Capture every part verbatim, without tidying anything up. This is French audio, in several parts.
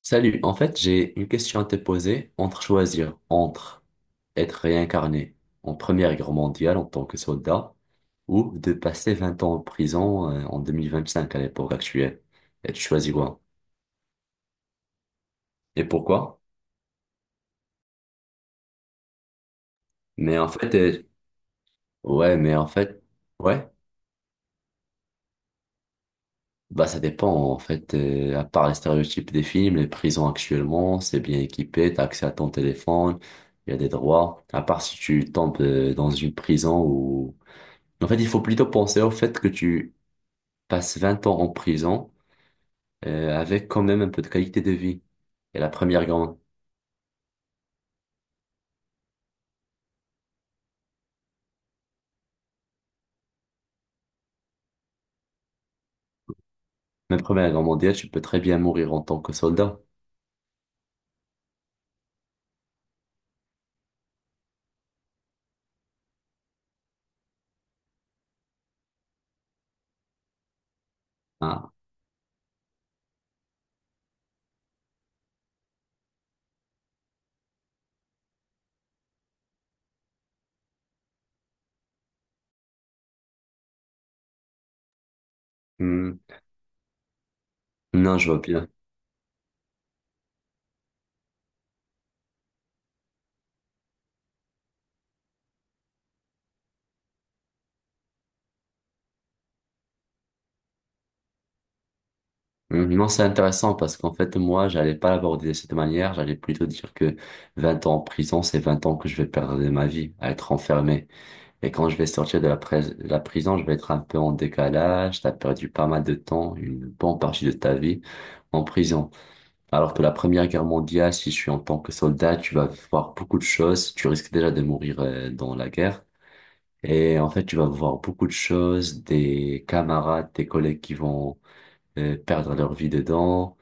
Salut, en fait, j'ai une question à te poser entre choisir entre être réincarné en Première Guerre mondiale en tant que soldat ou de passer vingt ans en prison euh, en deux mille vingt-cinq à l'époque actuelle. Et tu choisis quoi? Et pourquoi? Mais en fait, euh, ouais, mais en fait, ouais, bah ça dépend. En fait, euh, à part les stéréotypes des films, les prisons actuellement, c'est bien équipé, t'as accès à ton téléphone, il y a des droits. À part si tu tombes euh, dans une prison où... En fait, il faut plutôt penser au fait que tu passes vingt ans en prison, euh, avec quand même un peu de qualité de vie. Et la première grande, Même Première Guerre mondiale, tu peux très bien mourir en tant que soldat. Ah. Hmm. Non, je vois bien. Hmm. Non, c'est intéressant parce qu'en fait, moi, j'allais pas l'aborder de cette manière. J'allais plutôt dire que vingt ans en prison, c'est vingt ans que je vais perdre de ma vie à être enfermé. Et quand je vais sortir de la, pres- de la prison, je vais être un peu en décalage. T'as perdu pas mal de temps, une bonne partie de ta vie en prison. Alors que la Première Guerre mondiale, si tu es en tant que soldat, tu vas voir beaucoup de choses. Tu risques déjà de mourir euh, dans la guerre. Et en fait, tu vas voir beaucoup de choses, des camarades, des collègues qui vont euh, perdre leur vie dedans.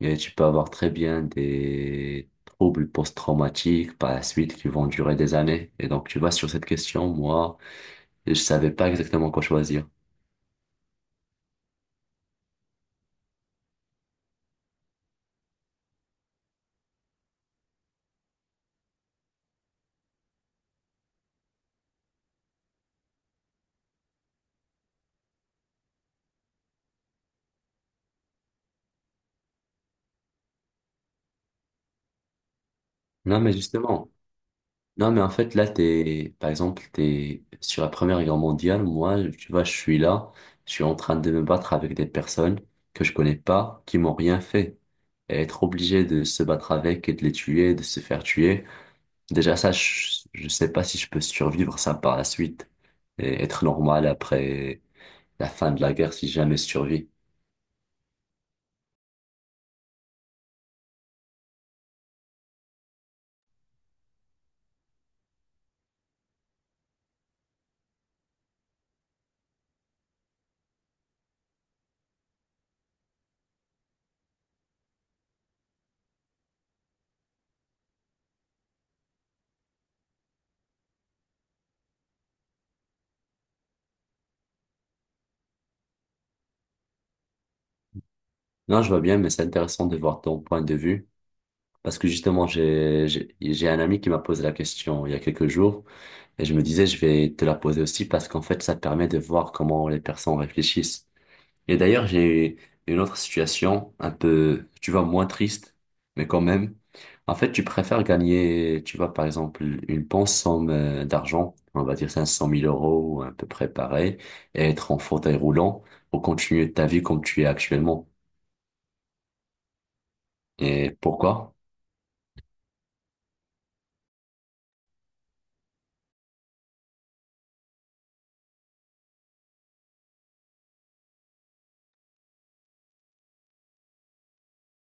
Et tu peux avoir très bien des troubles post-traumatiques par la suite qui vont durer des années. Et donc, tu vois, sur cette question, moi, je savais pas exactement quoi choisir. Non, mais justement. Non, mais en fait, là, t'es, par exemple, t'es sur la Première Guerre mondiale. Moi, tu vois, je suis là, je suis en train de me battre avec des personnes que je connais pas, qui m'ont rien fait. Et être obligé de se battre avec et de les tuer, de se faire tuer. Déjà, ça, je, je sais pas si je peux survivre ça par la suite et être normal après la fin de la guerre si jamais je survis. Non, je vois bien, mais c'est intéressant de voir ton point de vue parce que justement, j'ai, j'ai j'ai un ami qui m'a posé la question il y a quelques jours. Et je me disais, je vais te la poser aussi parce qu'en fait, ça te permet de voir comment les personnes réfléchissent. Et d'ailleurs, j'ai une autre situation un peu, tu vois, moins triste, mais quand même. En fait, tu préfères gagner, tu vois, par exemple, une bonne somme euh, d'argent, on va dire cinq cent mille euros, à peu près pareil, et être en fauteuil roulant ou continuer ta vie comme tu es actuellement. Et pourquoi?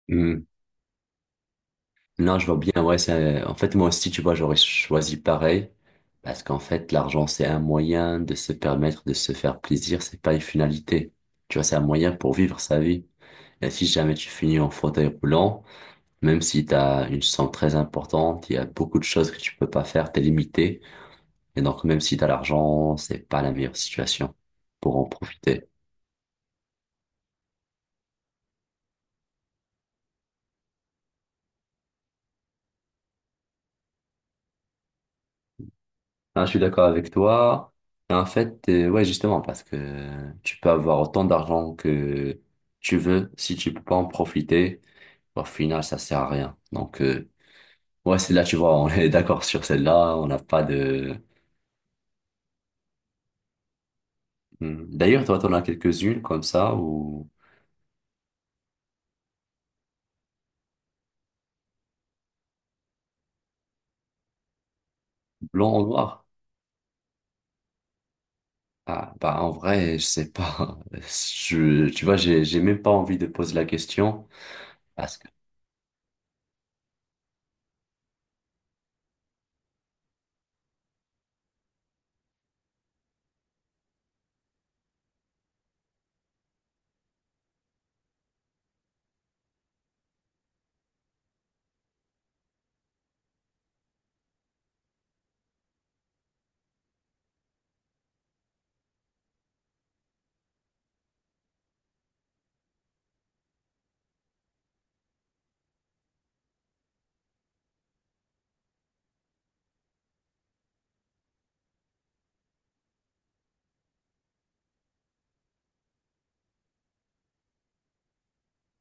Hmm. Non, je vois bien, ouais, c'est, en fait, moi aussi, tu vois, j'aurais choisi pareil. Parce qu'en fait, l'argent, c'est un moyen de se permettre de se faire plaisir, c'est pas une finalité. Tu vois, c'est un moyen pour vivre sa vie. Et si jamais tu finis en fauteuil roulant, même si t'as une somme très importante, il y a beaucoup de choses que tu peux pas faire, t'es limité. Et donc, même si t'as l'argent, c'est pas la meilleure situation pour en profiter. Ah, je suis d'accord avec toi. Et en fait, euh, ouais, justement, parce que tu peux avoir autant d'argent que tu veux, si tu peux pas en profiter, au final, ça sert à rien. Donc, euh, ouais, c'est là, tu vois, on est d'accord sur celle-là, on n'a pas de... Hmm. D'ailleurs, toi, t'en as quelques-unes comme ça, ou blanc ou noir? Ah, bah, en vrai, je sais pas. Je, tu vois, j'ai, j'ai même pas envie de poser la question, parce que...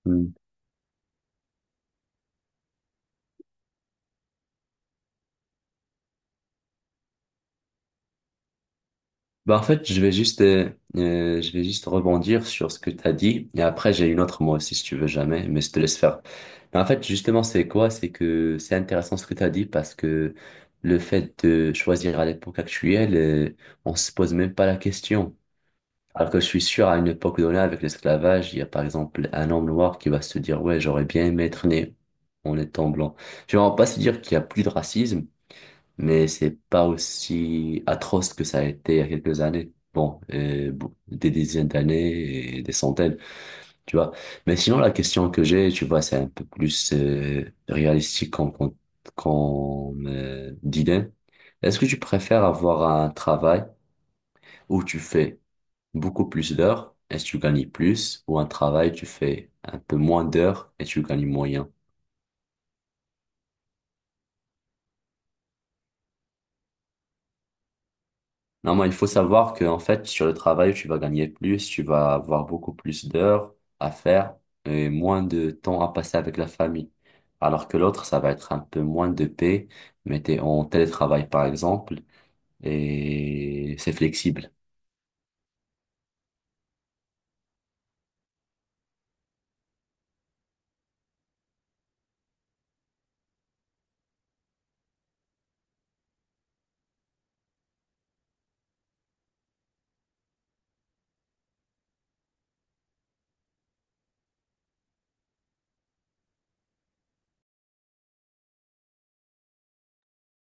Hmm. Bah, en fait, je vais juste, euh, euh, je vais juste rebondir sur ce que tu as dit. Et après, j'ai une autre moi aussi, si tu veux jamais, mais je te laisse faire. Mais en fait, justement, c'est quoi? C'est que c'est intéressant ce que tu as dit parce que le fait de choisir à l'époque actuelle, euh, on se pose même pas la question. Alors que je suis sûr, à une époque donnée, avec l'esclavage, il y a par exemple un homme noir qui va se dire, ouais, j'aurais bien aimé être né en étant blanc. Je ne vais pas se dire qu'il y a plus de racisme, mais c'est pas aussi atroce que ça a été il y a quelques années. Bon, euh, bon, des dizaines d'années et des centaines, tu vois. Mais sinon, la question que j'ai, tu vois, c'est un peu plus euh, réalistique qu'on qu'on qu'on me dilemme. Est-ce que tu préfères avoir un travail où tu fais beaucoup plus d'heures et tu gagnes plus, ou un travail où tu fais un peu moins d'heures et tu gagnes moyen? Non, moi, il faut savoir que, en fait, sur le travail, tu vas gagner plus, tu vas avoir beaucoup plus d'heures à faire et moins de temps à passer avec la famille. Alors que l'autre, ça va être un peu moins de paix, mais t'es en télétravail, par exemple, et c'est flexible.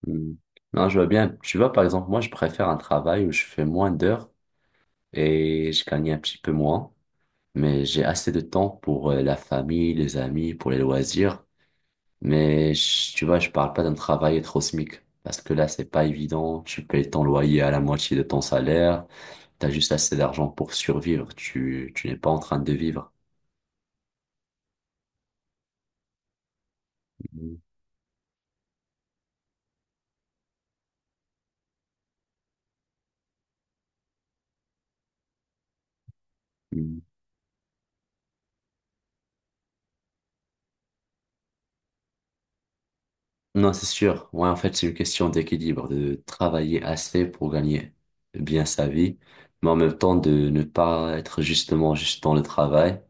Hmm. Non, je vois bien. Tu vois, par exemple, moi, je préfère un travail où je fais moins d'heures et je gagne un petit peu moins, mais j'ai assez de temps pour euh, la famille, les amis, pour les loisirs. Mais je- tu vois, je parle pas d'un travail être au SMIC. Parce que là, c'est pas évident. Tu payes ton loyer à la moitié de ton salaire. T'as juste assez d'argent pour survivre. Tu, tu n'es pas en train de vivre. Mhm. Mhm. Non, c'est sûr. Ouais, en fait, c'est une question d'équilibre, de travailler assez pour gagner bien sa vie, mais en même temps de ne pas être justement juste dans le travail.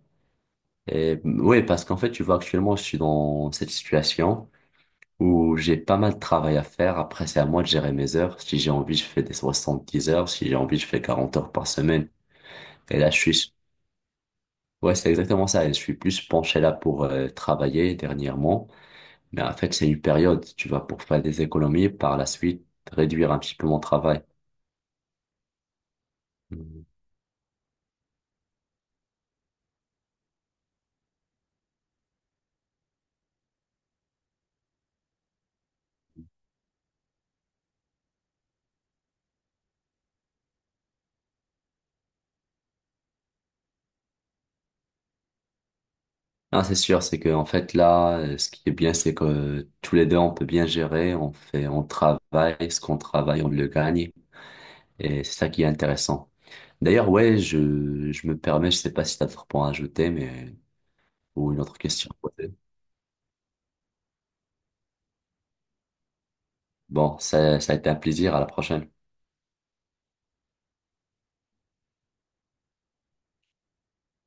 Et oui, parce qu'en fait, tu vois, actuellement, je suis dans cette situation, où j'ai pas mal de travail à faire. Après, c'est à moi de gérer mes heures. Si j'ai envie, je fais des soixante-dix heures. Si j'ai envie, je fais quarante heures par semaine. Et là, je suis... Ouais, c'est exactement ça. Et je suis plus penché là pour euh, travailler dernièrement. Mais en fait, c'est une période, tu vois, pour faire des économies, par la suite, réduire un petit peu mon travail. Mhm. Non, c'est sûr, c'est que en fait là, euh, ce qui est bien, c'est que euh, tous les deux, on peut bien gérer, on fait, on travaille, ce qu'on travaille, on le gagne, et c'est ça qui est intéressant. D'ailleurs, ouais, je, je me permets, je sais pas si t'as d'autres points à ajouter, mais, ou une autre question à poser. Bon, ça, ça a été un plaisir, à la prochaine.